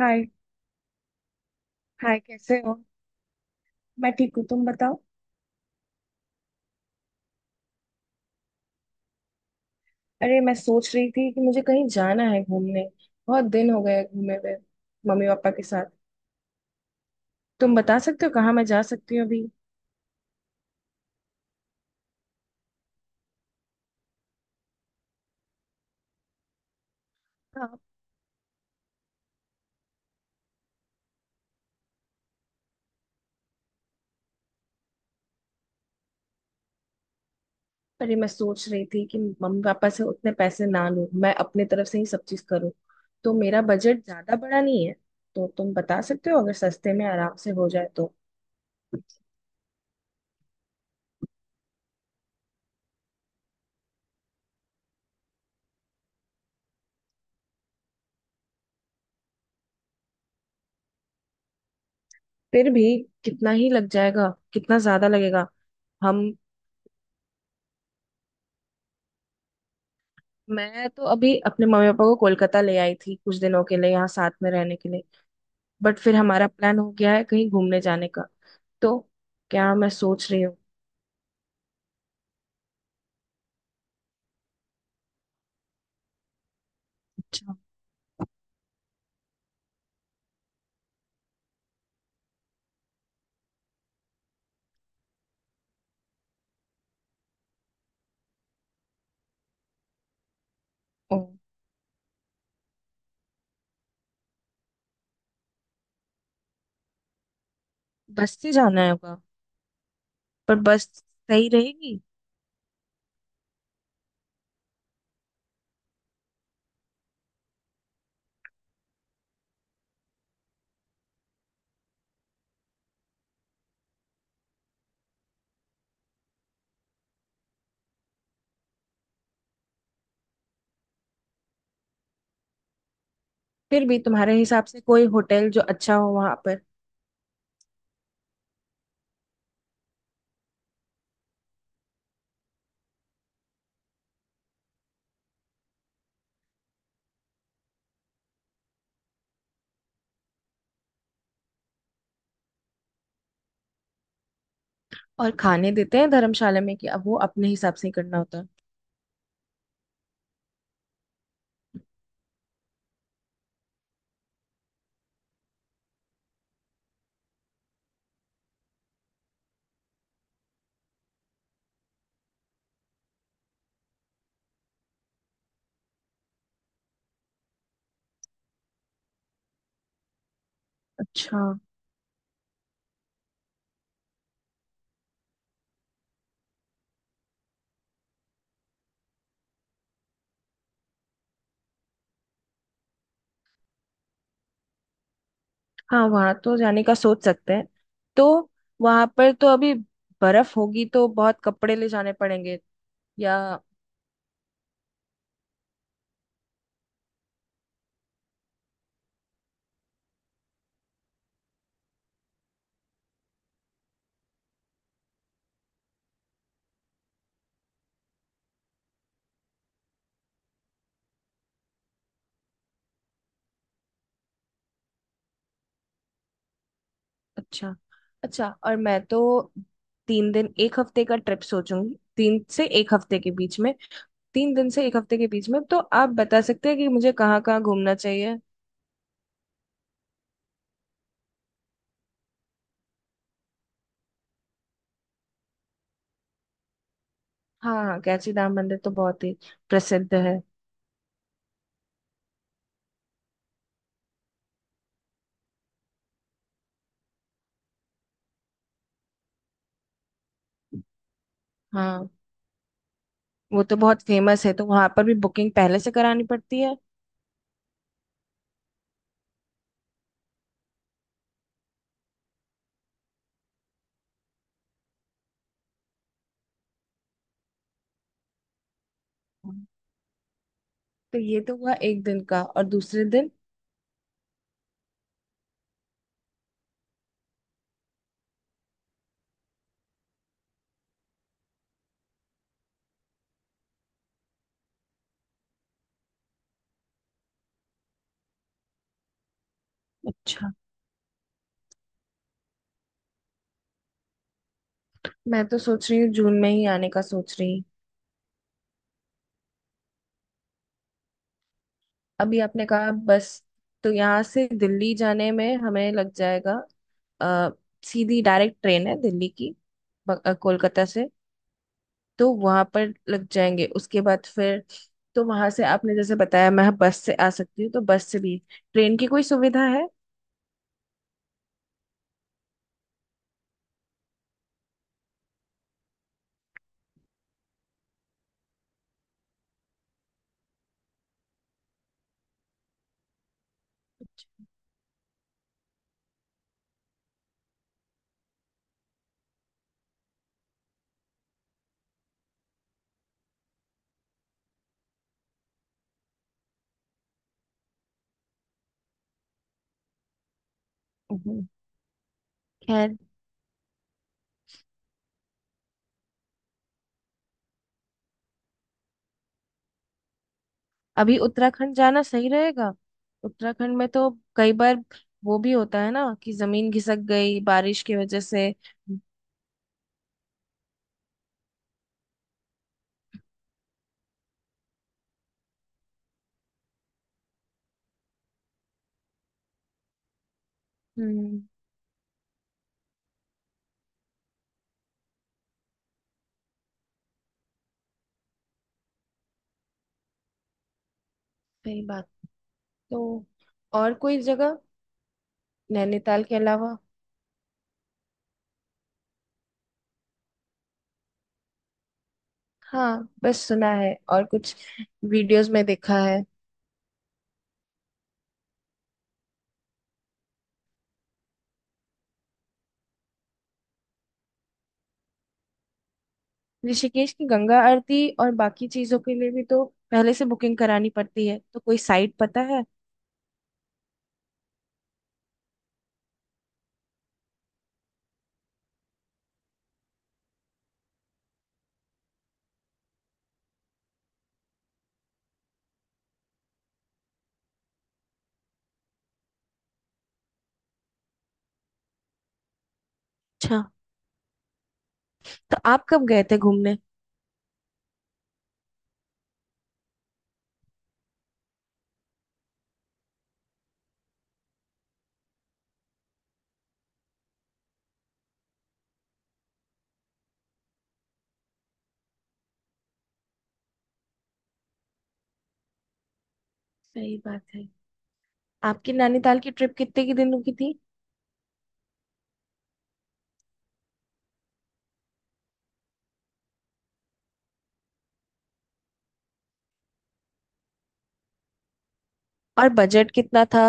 हाय। Hi, कैसे हो? मैं ठीक हूँ, तुम बताओ। अरे, मैं सोच रही थी कि मुझे कहीं जाना है घूमने। बहुत दिन हो गए घूमे हुए मम्मी पापा के साथ। तुम बता सकते हो कहाँ मैं जा सकती हूँ अभी? हाँ। अरे, मैं सोच रही थी कि मम्मी पापा से उतने पैसे ना लूं, मैं अपने तरफ से ही सब चीज करूँ। तो मेरा बजट ज्यादा बड़ा नहीं है। तो तुम बता सकते हो अगर सस्ते में आराम से हो जाए तो? फिर भी कितना ही लग जाएगा? कितना ज्यादा लगेगा? हम मैं तो अभी अपने मम्मी पापा को कोलकाता ले आई थी, कुछ दिनों के लिए यहाँ साथ में रहने के लिए। बट फिर हमारा प्लान हो गया है कहीं घूमने जाने का। तो क्या मैं सोच रही हूँ। अच्छा। ओ। बस से जाना होगा? पर बस सही रहेगी? फिर भी तुम्हारे हिसाब से कोई होटल जो अच्छा हो वहां पर? और खाने देते हैं धर्मशाला में कि अब वो अपने हिसाब से ही करना होता है? अच्छा। हाँ, वहां तो जाने का सोच सकते हैं। तो वहां पर तो अभी बर्फ होगी, तो बहुत कपड़े ले जाने पड़ेंगे? या। अच्छा। अच्छा, और मैं तो 3 दिन एक हफ्ते का ट्रिप सोचूंगी, 3 से एक हफ्ते के बीच में। 3 दिन से एक हफ्ते के बीच में, तो आप बता सकते हैं कि मुझे कहाँ कहाँ घूमना चाहिए? हाँ हाँ, कैंची धाम मंदिर तो बहुत ही प्रसिद्ध है। हाँ। वो तो बहुत फेमस है, तो वहां पर भी बुकिंग पहले से करानी पड़ती है? हाँ। तो ये तो हुआ एक दिन का, और दूसरे दिन? अच्छा, मैं तो सोच रही हूँ जून में ही आने का सोच रही। अभी आपने कहा बस, तो यहाँ से दिल्ली जाने में हमें लग जाएगा। अ, सीधी डायरेक्ट ट्रेन है दिल्ली की कोलकाता से? तो वहां पर लग जाएंगे, उसके बाद फिर तो वहां से आपने जैसे बताया मैं बस से आ सकती हूँ, तो बस से भी ट्रेन की कोई सुविधा है? हम्म। खैर, अभी उत्तराखंड जाना सही रहेगा? उत्तराखंड में तो कई बार वो भी होता है ना कि जमीन खिसक गई बारिश की वजह से। हम्म, सही बात। तो और कोई जगह नैनीताल के अलावा? हाँ, बस सुना है और कुछ वीडियोस में देखा है। ऋषिकेश की गंगा आरती और बाकी चीजों के लिए भी तो पहले से बुकिंग करानी पड़ती है? तो कोई साइट पता है? अच्छा, तो आप कब गए थे घूमने? सही बात है। आपकी नैनीताल की ट्रिप कितने के दिनों की थी? और बजट कितना था?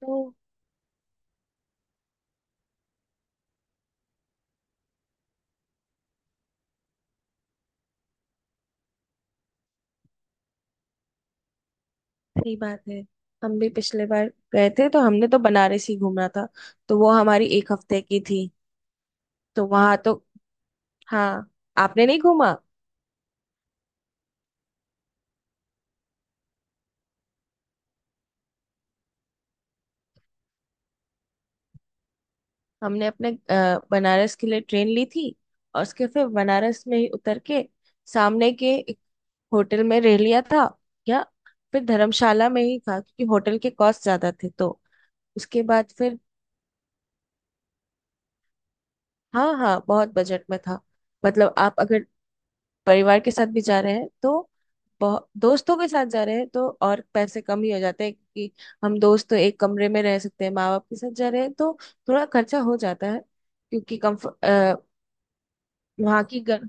तो सही बात है, हम भी पिछले बार गए थे तो हमने तो बनारस ही घूमना था। तो वो हमारी एक हफ्ते की थी। तो वहां तो हाँ। आपने नहीं घूमा? हमने अपने बनारस के लिए ट्रेन ली थी, और उसके फिर बनारस में ही उतर के सामने के एक होटल में रह लिया था। या फिर धर्मशाला में ही था क्योंकि होटल के कॉस्ट ज्यादा थे, तो उसके बाद फिर। हाँ हाँ, बहुत बजट में था। मतलब आप अगर परिवार के साथ भी जा रहे हैं तो दोस्तों के साथ जा रहे हैं तो और पैसे कम ही हो जाते हैं, क्योंकि हम दोस्त तो एक कमरे में रह सकते हैं। माँ बाप के साथ जा रहे हैं तो थोड़ा खर्चा हो जाता है क्योंकि कम्फर्ट। वहाँ की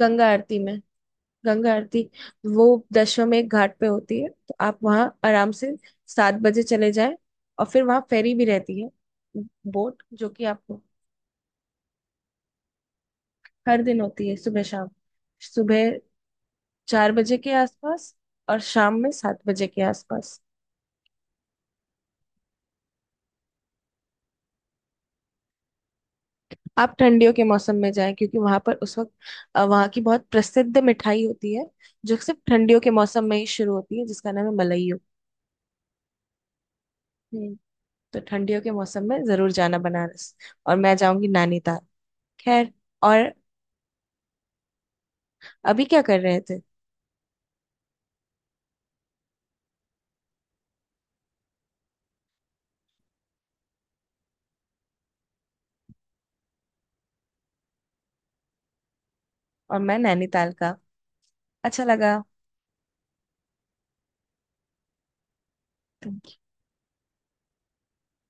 गंगा आरती में। गंगा आरती वो दशाश्वमेध घाट पे होती है, तो आप वहाँ आराम से 7 बजे चले जाएं। और फिर वहाँ फेरी भी रहती है, बोट, जो कि आपको हर दिन होती है, सुबह शाम। सुबह 4 बजे के आसपास, और शाम में 7 बजे के आसपास। आप ठंडियों के मौसम में जाएं, क्योंकि वहां पर उस वक्त वहाँ की बहुत प्रसिद्ध मिठाई होती है जो सिर्फ ठंडियों के मौसम में ही शुरू होती है, जिसका नाम है मलइयो। हम्म। तो ठंडियों के मौसम में जरूर जाना बनारस, और मैं जाऊंगी नैनीताल। खैर। और अभी क्या कर रहे थे? और मैं नैनीताल का। अच्छा लगा।